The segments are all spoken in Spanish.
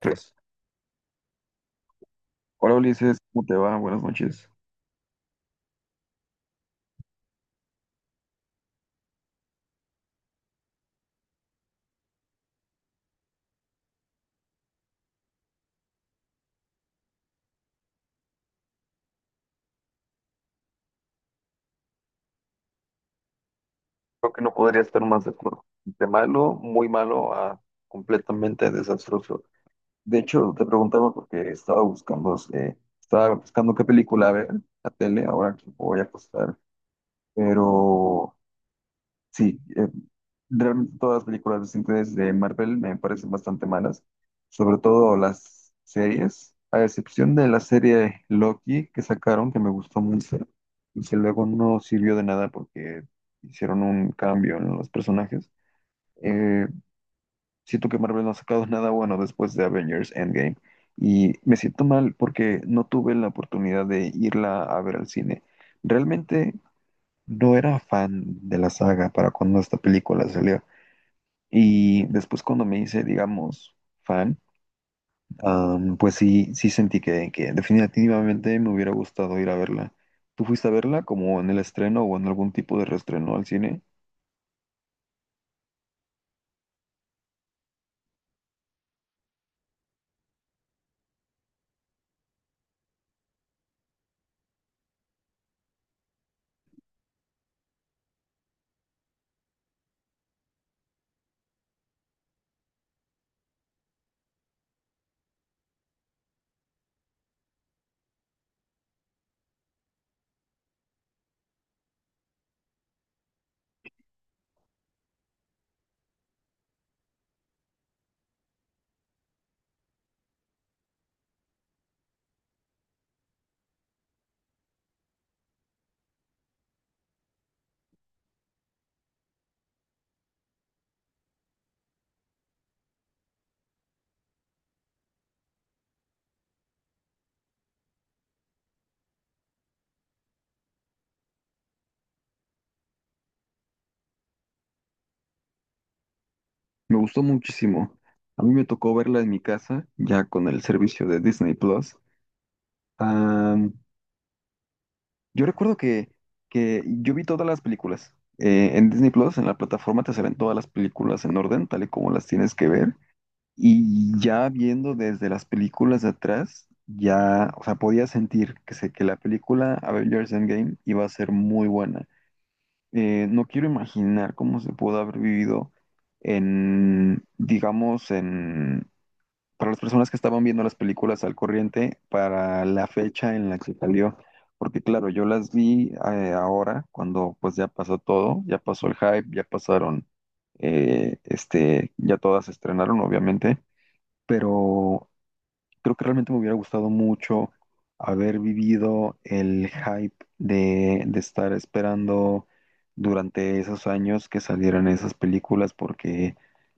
Tres. Hola Ulises, ¿cómo te va? Buenas noches. Creo que no podría estar más de acuerdo. De malo, muy malo a completamente desastroso. De hecho, te preguntaba porque estaba buscando qué película ver, la tele, ahora que voy a acostar, pero sí, realmente todas las películas recientes de Marvel me parecen bastante malas, sobre todo las series, a excepción de la serie Loki que sacaron, que me gustó mucho, y que luego no sirvió de nada porque hicieron un cambio en los personajes. Eh, Siento que Marvel no ha sacado nada bueno después de Avengers Endgame, y me siento mal porque no tuve la oportunidad de irla a ver al cine. Realmente no era fan de la saga para cuando esta película salió. Y después cuando me hice, digamos, fan, pues sí, sí sentí que definitivamente me hubiera gustado ir a verla. ¿Tú fuiste a verla como en el estreno o en algún tipo de reestreno al cine? Me gustó muchísimo. A mí me tocó verla en mi casa, ya con el servicio de Disney Plus. Am, yo recuerdo que yo vi todas las películas. En Disney Plus, en la plataforma, te salen todas las películas en orden, tal y como las tienes que ver. Y ya viendo desde las películas de atrás, ya, o sea, podía sentir que, se que la película Avengers Endgame iba a ser muy buena. No quiero imaginar cómo se pudo haber vivido en, digamos, en, para las personas que estaban viendo las películas al corriente, para la fecha en la que salió. Porque claro, yo las vi ahora, cuando pues ya pasó todo, ya pasó el hype, ya pasaron, ya todas se estrenaron, obviamente, pero creo que realmente me hubiera gustado mucho haber vivido el hype de estar esperando durante esos años que salieran esas películas, porque,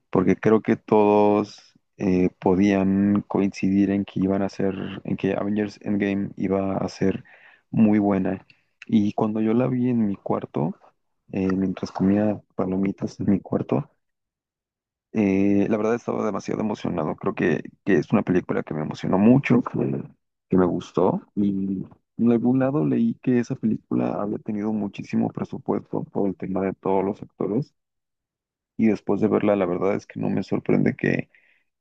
porque creo que todos podían coincidir en que iban a ser, en que Avengers Endgame iba a ser muy buena. Y cuando yo la vi en mi cuarto, mientras comía palomitas en mi cuarto, la verdad estaba demasiado emocionado. Creo que es una película que me emocionó mucho, que me gustó. Y en algún lado leí que esa película había tenido muchísimo presupuesto por el tema de todos los actores. Y después de verla, la verdad es que no me sorprende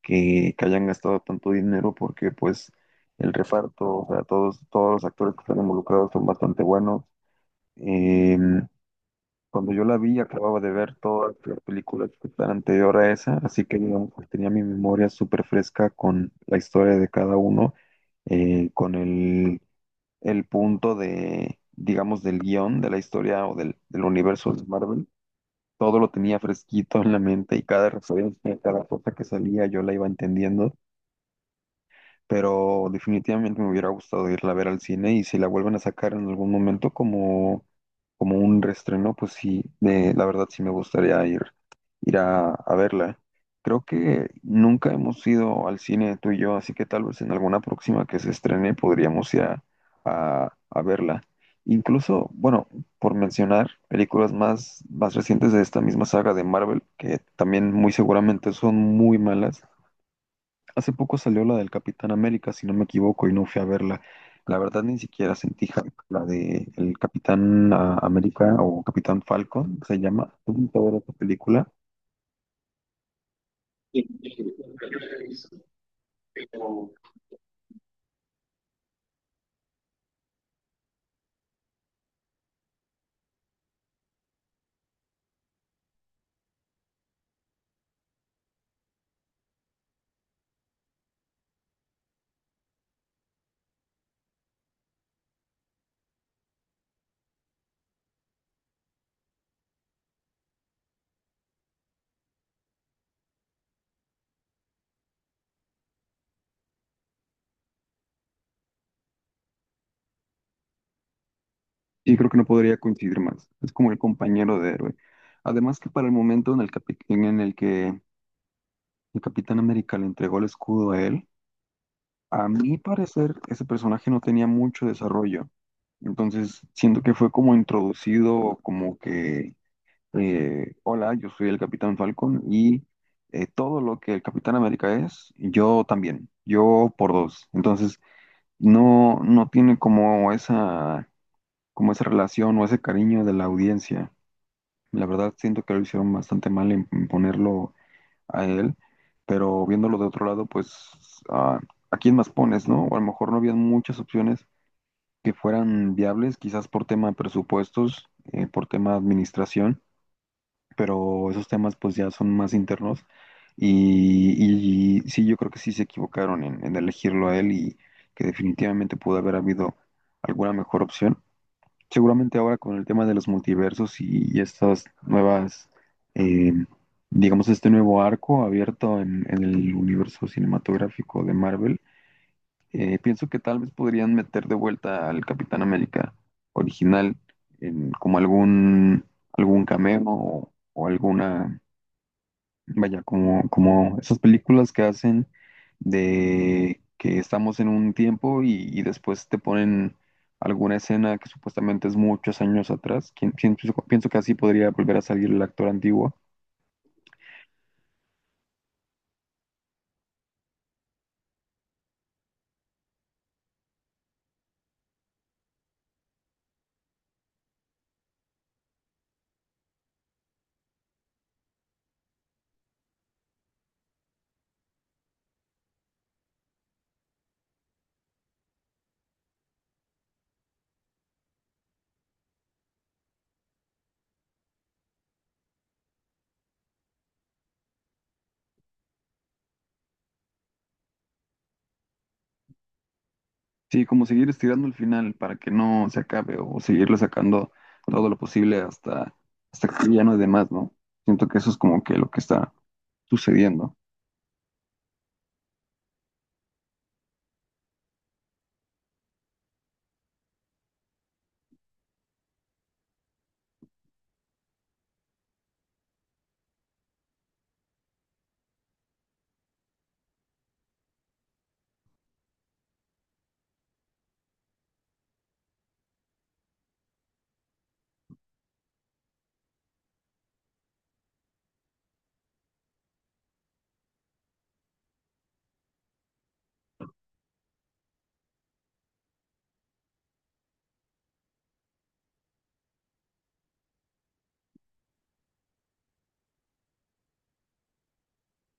que hayan gastado tanto dinero porque pues el reparto, o sea, todos, todos los actores que están involucrados son bastante buenos. Em, Cuando yo la vi, acababa de ver todas las películas que están anterior a esa, así que digamos que tenía mi memoria súper fresca con la historia de cada uno, con el punto de, digamos, del guión, de la historia o del, del universo de Marvel. Todo lo tenía fresquito en la mente y cada referencia, cada cosa que salía, yo la iba entendiendo, pero definitivamente me hubiera gustado irla a ver al cine, y si la vuelven a sacar en algún momento como, como un reestreno, pues sí, de, la verdad sí me gustaría ir, ir a verla. Creo que nunca hemos ido al cine tú y yo, así que tal vez en alguna próxima que se estrene podríamos ir a, a verla. Incluso, bueno, por mencionar películas más, más recientes de esta misma saga de Marvel, que también muy seguramente son muy malas. Hace poco salió la del Capitán América, si no me equivoco, y no fui a verla. La verdad ni siquiera sentí hype. La de el Capitán América o Capitán Falcon, que se llama. Tuve que ver esta película y creo que no podría coincidir más. Es como el compañero de héroe. Además que para el momento en el, en el que el Capitán América le entregó el escudo a él, a mi parecer ese personaje no tenía mucho desarrollo. Entonces siento que fue como introducido, como que hola, yo soy el Capitán Falcon y todo lo que el Capitán América es, yo también, yo por dos. Entonces, no, no tiene como esa relación o ese cariño de la audiencia. La verdad, siento que lo hicieron bastante mal en ponerlo a él, pero viéndolo de otro lado, pues, ah, ¿a quién más pones, no? O a lo mejor no había muchas opciones que fueran viables, quizás por tema de presupuestos, por tema de administración, pero esos temas pues ya son más internos, y sí, yo creo que sí se equivocaron en elegirlo a él, y que definitivamente pudo haber habido alguna mejor opción. Seguramente ahora con el tema de los multiversos y estas nuevas, eh, digamos, este nuevo arco abierto en el universo cinematográfico de Marvel, pienso que tal vez podrían meter de vuelta al Capitán América original en, como algún, algún cameo o alguna. Vaya, como, como esas películas que hacen de que estamos en un tiempo y después te ponen alguna escena que supuestamente es muchos años atrás. Pienso, pienso que así podría volver a salir el actor antiguo. Sí, como seguir estirando el final para que no se acabe o seguirle sacando todo lo posible hasta, hasta que ya no es de más, ¿no? Siento que eso es como que lo que está sucediendo.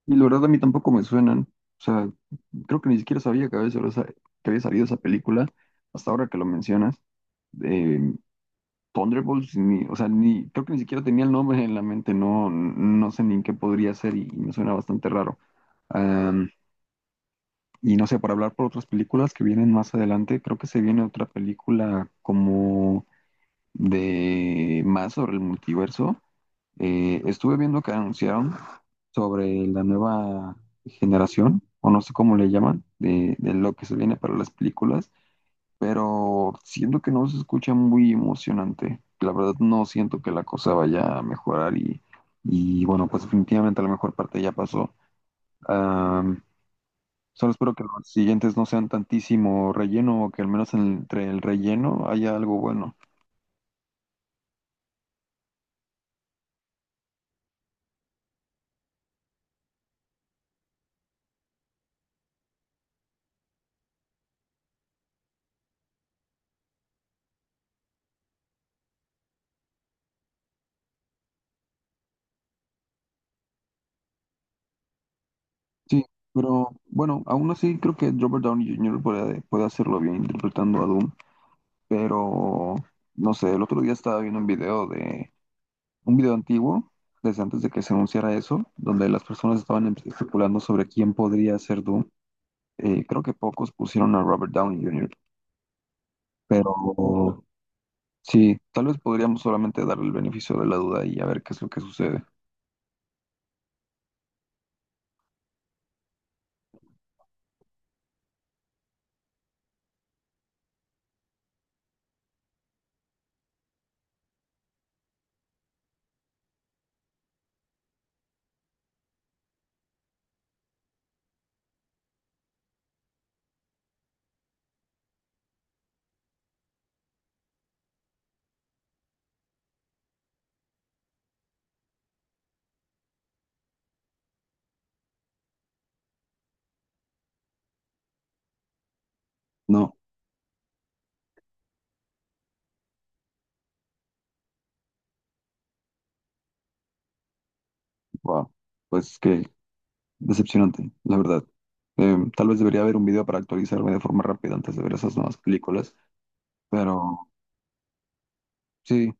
Y la verdad a mí tampoco me suenan. O sea, creo que ni siquiera sabía que había, que había salido esa película hasta ahora que lo mencionas. Eh, Thunderbolts, ni, o sea, ni, creo que ni siquiera tenía el nombre en la mente. No, no sé ni en qué podría ser y me suena bastante raro. Am, y no sé, para hablar por otras películas que vienen más adelante, creo que se viene otra película como de más sobre el multiverso. Estuve viendo que anunciaron sobre la nueva generación, o no sé cómo le llaman, de lo que se viene para las películas, pero siento que no se escucha muy emocionante. La verdad no siento que la cosa vaya a mejorar y bueno, pues definitivamente la mejor parte ya pasó. Am, solo espero que los siguientes no sean tantísimo relleno o que al menos entre el relleno haya algo bueno. Sí, pero bueno, aún así creo que Robert Downey Jr. Puede hacerlo bien interpretando a Doom, pero no sé, el otro día estaba viendo un video de un video antiguo, desde antes de que se anunciara eso, donde las personas estaban especulando sobre quién podría ser Doom. Creo que pocos pusieron a Robert Downey Jr., pero sí, tal vez podríamos solamente darle el beneficio de la duda y a ver qué es lo que sucede. No, wow, pues que decepcionante, la verdad. Tal vez debería haber un video para actualizarme de forma rápida antes de ver esas nuevas películas, pero sí,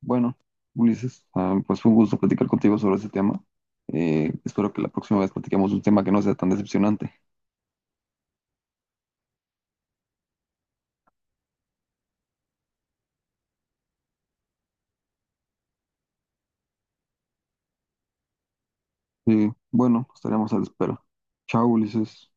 bueno, Ulises, ah, pues fue un gusto platicar contigo sobre este tema. Espero que la próxima vez platiquemos un tema que no sea tan decepcionante. Y bueno, estaremos a la espera. Chao, Ulises.